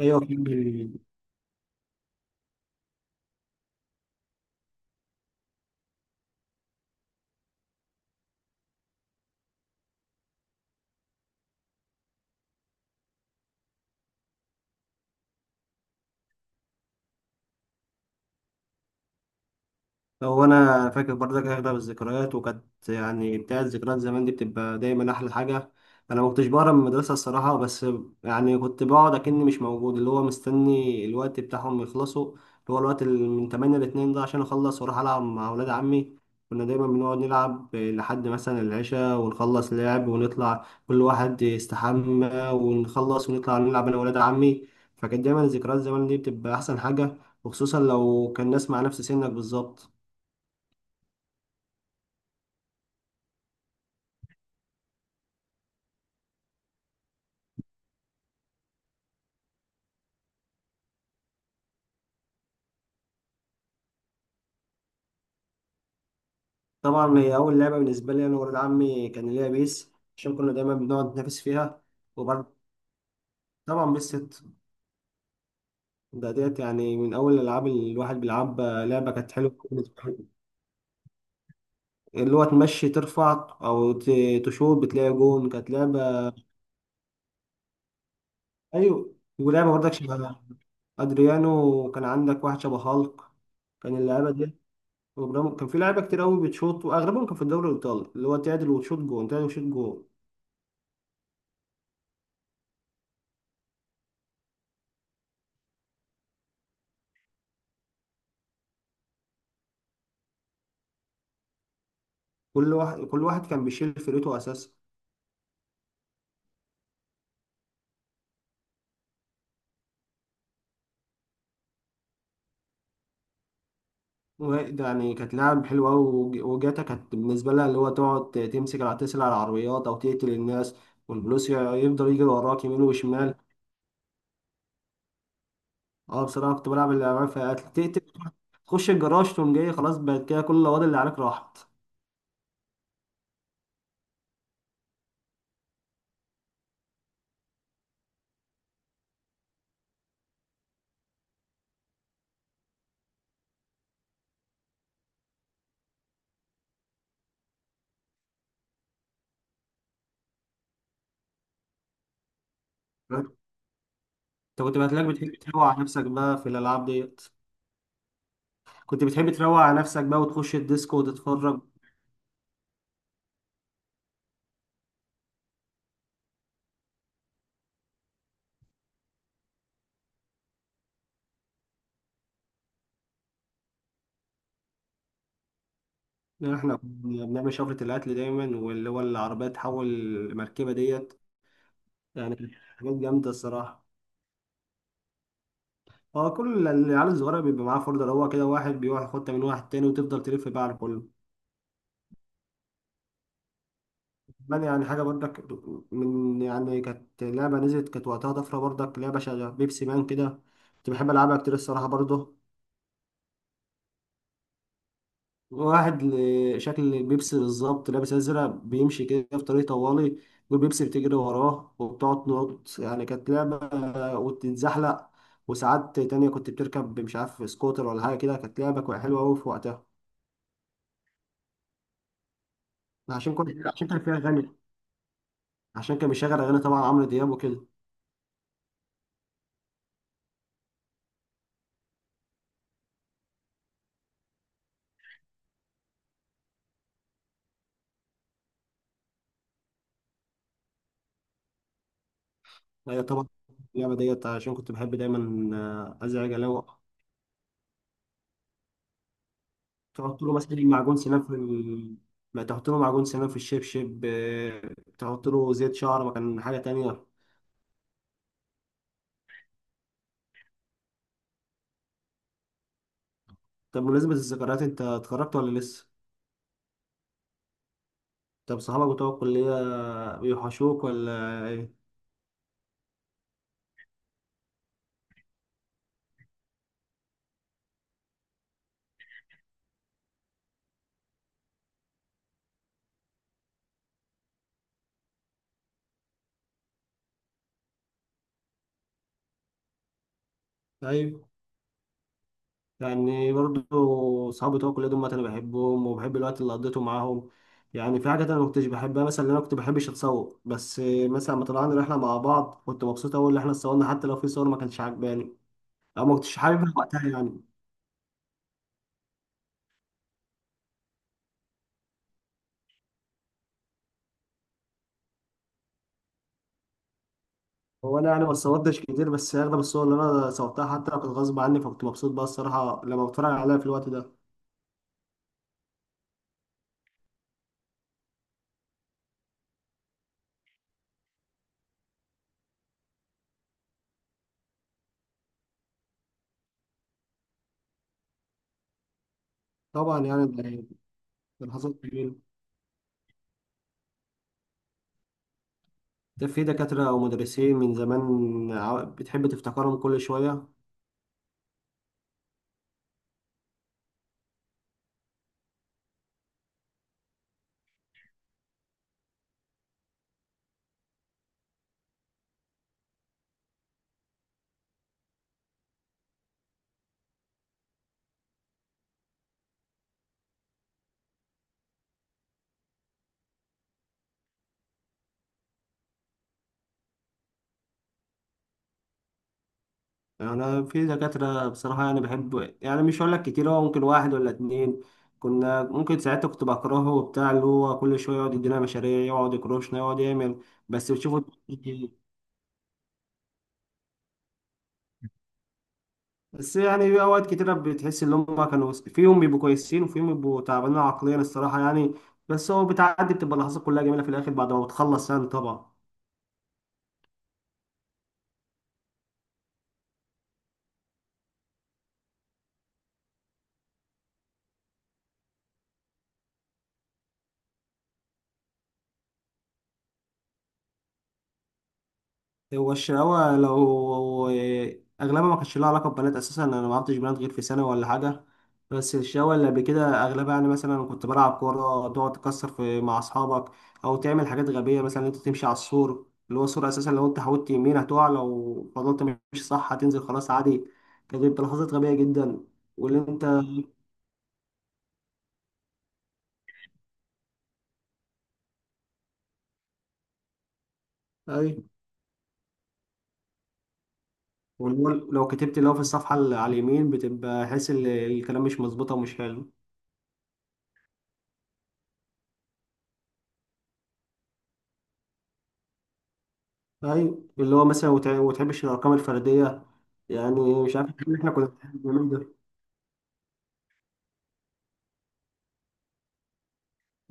ايوه، في. هو انا فاكر برضك اغلب الذكريات، وكانت يعني بتاعت ذكريات زمان دي بتبقى دايما احلى حاجه. انا ما كنتش بقرا من المدرسه الصراحه، بس يعني كنت بقعد اكني مش موجود، اللي هو مستني الوقت بتاعهم يخلصوا، اللي هو الوقت اللي من 8 ل 2 ده عشان اخلص واروح العب مع اولاد عمي. كنا دايما بنقعد نلعب لحد مثلا العشاء، ونخلص لعب ونطلع كل واحد يستحمى، ونخلص ونطلع نلعب انا واولاد عمي. فكانت دايما ذكريات زمان دي بتبقى احسن حاجه، وخصوصا لو كان ناس مع نفس سنك بالظبط. طبعا هي أول لعبة بالنسبة لي أنا وولاد عمي كان ليها بيس، عشان كنا دايما بنقعد نتنافس فيها. وبرضه طبعا بيس ست، ده ديت يعني من أول الألعاب اللي الواحد بيلعبها، لعبة كانت حلوة بالنسبة لي. اللي هو تمشي ترفع أو تشوط بتلاقي جون، كانت لعبة. أيوة، ولعبة برضك شبه أدريانو. وكان عندك واحد شبه هالك كان اللعبة دي. كان في لعيبة كتير قوي بتشوط، وأغلبهم كان في الدوري الإيطالي، اللي هو تعدل وتشوط جون، تعدل وتشوط جون. كل واحد كان بيشيل فريقه أساسا. يعني كانت لعب حلوة أوي. وجاتا كانت بالنسبة لها اللي هو تقعد تمسك على تسرق العربيات أو تقتل الناس، والبلوس يفضل يجري وراك يمين وشمال. أه، بصراحة كنت بلعب اللعبة فيها تقتل، تخش الجراج تقوم جاي خلاص بقت كده كل الأوض اللي عليك راحت. أنت كنت بتلاقيك بتحب تروق على نفسك بقى في الألعاب ديت، كنت بتحب تروق على نفسك بقى وتخش الديسكو وتتفرج. احنا كنا بنعمل شفرة القتل دايما، واللي هو العربية تحول المركبة ديت، يعني كانت حاجات جامدة الصراحة. هو كل العيال الصغيرة بيبقى معاه فولدر، هو كده واحد بيروح ياخدها من واحد تاني وتفضل تلف بقى على كله. كمان يعني حاجة برضك، من يعني كانت لعبة نزلت كانت وقتها طفرة برضك، لعبة شغالة بيبسي مان كده. كنت بحب ألعبها كتير الصراحة برضه. واحد شكل البيبسي بالظبط لابس أزرق بيمشي كده في طريق طوالي، والبيبسي بتجري وراه وبتقعد تنط، يعني كانت لعبة. وتتزحلق. وساعات تانية كنت بتركب مش عارف سكوتر ولا حاجة كده، كانت لعبة حلوة أوي في وقتها. عشان كان فيها غني، عشان كان بيشغل اغاني طبعا عمرو دياب وكده. هي طبعا اللعبه ديت عشان كنت بحب دايما ازعج، يعني لو تحط له مثلا معجون سنان في ال، ما تحط له معجون سنان في الشبشب، تحط له زيت شعر، ما كان حاجه تانية. طب بمناسبة الذكريات، انت اتخرجت ولا لسه؟ طب صحابك بتوع الكلية بيوحشوك ولا ايه؟ طيب. يعني برضو صحابي بتوع الكلية دول أنا بحبهم وبحب الوقت اللي قضيته معاهم. يعني في حاجات أنا ما كنتش بحبها، مثلا إن أنا كنت بحبش أتصور، بس مثلا لما طلعنا رحلة مع بعض كنت مبسوط أوي إن إحنا اتصورنا، حتى لو في صور ما كانتش عجباني أو ما كنتش حاببها وقتها يعني. هو أنا يعني ما اتصورتش كتير، بس أغلب الصور اللي أنا صورتها حتى لو كانت غصب عني، فكنت مبسوط بقى الصراحة لما بتفرج عليها في الوقت ده. طبعا يعني ده حصل جميل. ده في دكاترة أو مدرسين من زمان بتحب تفتكرهم كل شوية. انا في دكاترة بصراحة يعني بحب، يعني مش هقول لك كتير، هو ممكن واحد ولا اتنين كنا ممكن ساعتها كنت بكرهه وبتاع، اللي هو كل شوية يقعد يدينا مشاريع، يقعد يكروشنا، يقعد يعمل، بس بتشوفه كتير. بس يعني في اوقات كتيرة بتحس ان هم كانوا، فيهم بيبقوا كويسين وفيهم بيبقوا تعبانين عقليا الصراحة يعني. بس هو بتعدي بتبقى اللحظات كلها جميلة في الاخر بعد ما بتخلص يعني طبعا. هو الشقاوة، لو أغلبها ما كانش لها علاقة ببنات أساسا، أنا ما عرفتش بنات غير في سنة ولا حاجة. بس الشقاوة اللي قبل كده أغلبها يعني، مثلا كنت بلعب كورة تقعد تكسر في مع أصحابك، أو تعمل حاجات غبية، مثلا أنت تمشي على السور، اللي هو السور أساسا لو أنت حاولت يمين هتقع، لو فضلت ماشي صح هتنزل خلاص عادي. كانت بتبقى لحظات غبية جدا. واللي أنت. أي. واللي هو لو كتبت اللي هو في الصفحة اللي على اليمين بتبقى حاسس إن الكلام مش مظبوط ومش حلو. ايوه، اللي هو مثلا وتحبش الارقام الفرديه يعني. مش عارف إن احنا كنا بنحب اليومين دول.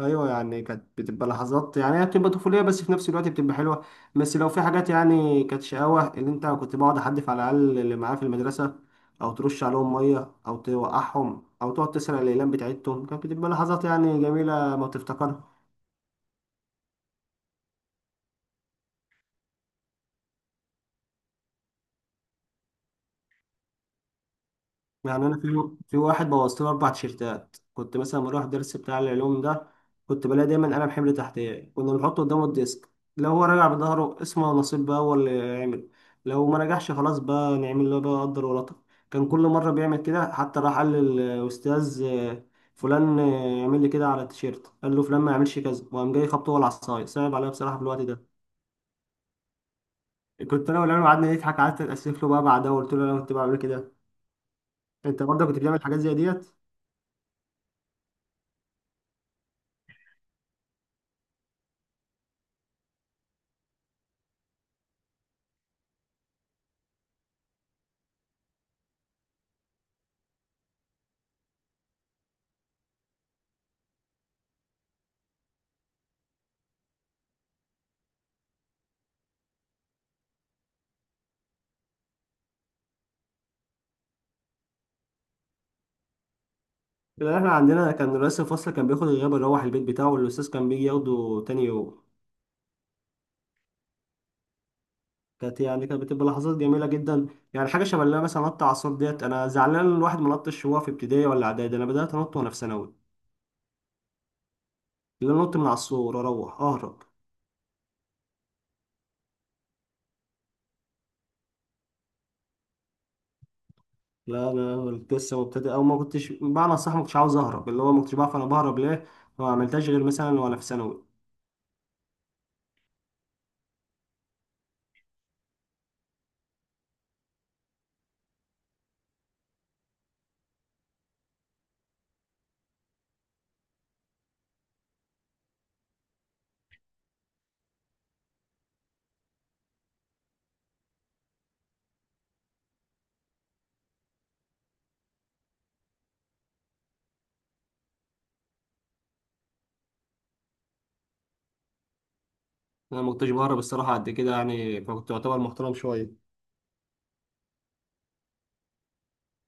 ايوه يعني كانت بتبقى لحظات، يعني هي بتبقى طفوليه بس في نفس الوقت بتبقى حلوه. بس لو في حاجات يعني كانت شقاوه، اللي انت كنت بقعد احدف على الاقل اللي معاه في المدرسه، او ترش عليهم ميه، او توقعهم، او تقعد تسرق الاقلام بتاعتهم، كانت بتبقى لحظات يعني جميله ما بتفتكرها. يعني انا في واحد بوظت له 4 تيشيرتات، كنت مثلا بروح درس بتاع العلوم ده كنت بلاقي دايما قلم حمل تحتيه، كنا بنحطه قدامه الديسك، لو هو راجع بظهره اسمه نصيب بقى هو اللي يعمل، لو ما رجعش خلاص بقى نعمل له بقى قدر ولطف. كان كل مره بيعمل كده، حتى راح قال للاستاذ فلان يعمل لي كده على التيشيرت. قال له فلان ما يعملش كذا، وقام جاي خبطه هو العصايه، صعب عليا بصراحه في الوقت ده. كنت انا والعيال قعدنا نضحك، قعدت اتاسف له بقى بعدها وقلت له انا كنت بعمل كده. انت برضه كنت بتعمل حاجات زي ديت؟ لا، احنا عندنا كان رئيس الفصل كان بياخد الغياب يروح البيت بتاعه، والاستاذ كان بيجي ياخده تاني يوم. كانت بتبقى لحظات جميله جدا. يعني حاجه شبه اللي أنا مثلا نط عصور ديت، انا زعلان ان الواحد ما نطش وهو في ابتدائي ولا اعدادي، انا بدات انط وانا في ثانوي. اللي أنا نط من عصور، اروح اهرب. لا انا لسه مبتدئ، او ما كنتش بمعنى صح، ما كنتش عاوز اهرب، اللي هو ما كنتش بعرف انا بهرب ليه. ما عملتهاش غير مثلا وانا في ثانوي. انا ما كنتش بهرب الصراحه قد كده، يعني فكنت اعتبر محترم شويه.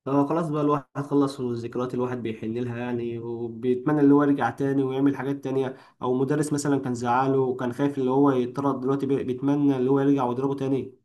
هو خلاص بقى الواحد خلص، والذكريات الواحد بيحن لها يعني، وبيتمنى اللي هو يرجع تاني ويعمل حاجات تانية، أو مدرس مثلا كان زعله وكان خايف اللي هو يتطرد، دلوقتي بيتمنى اللي هو يرجع ويضربه تاني.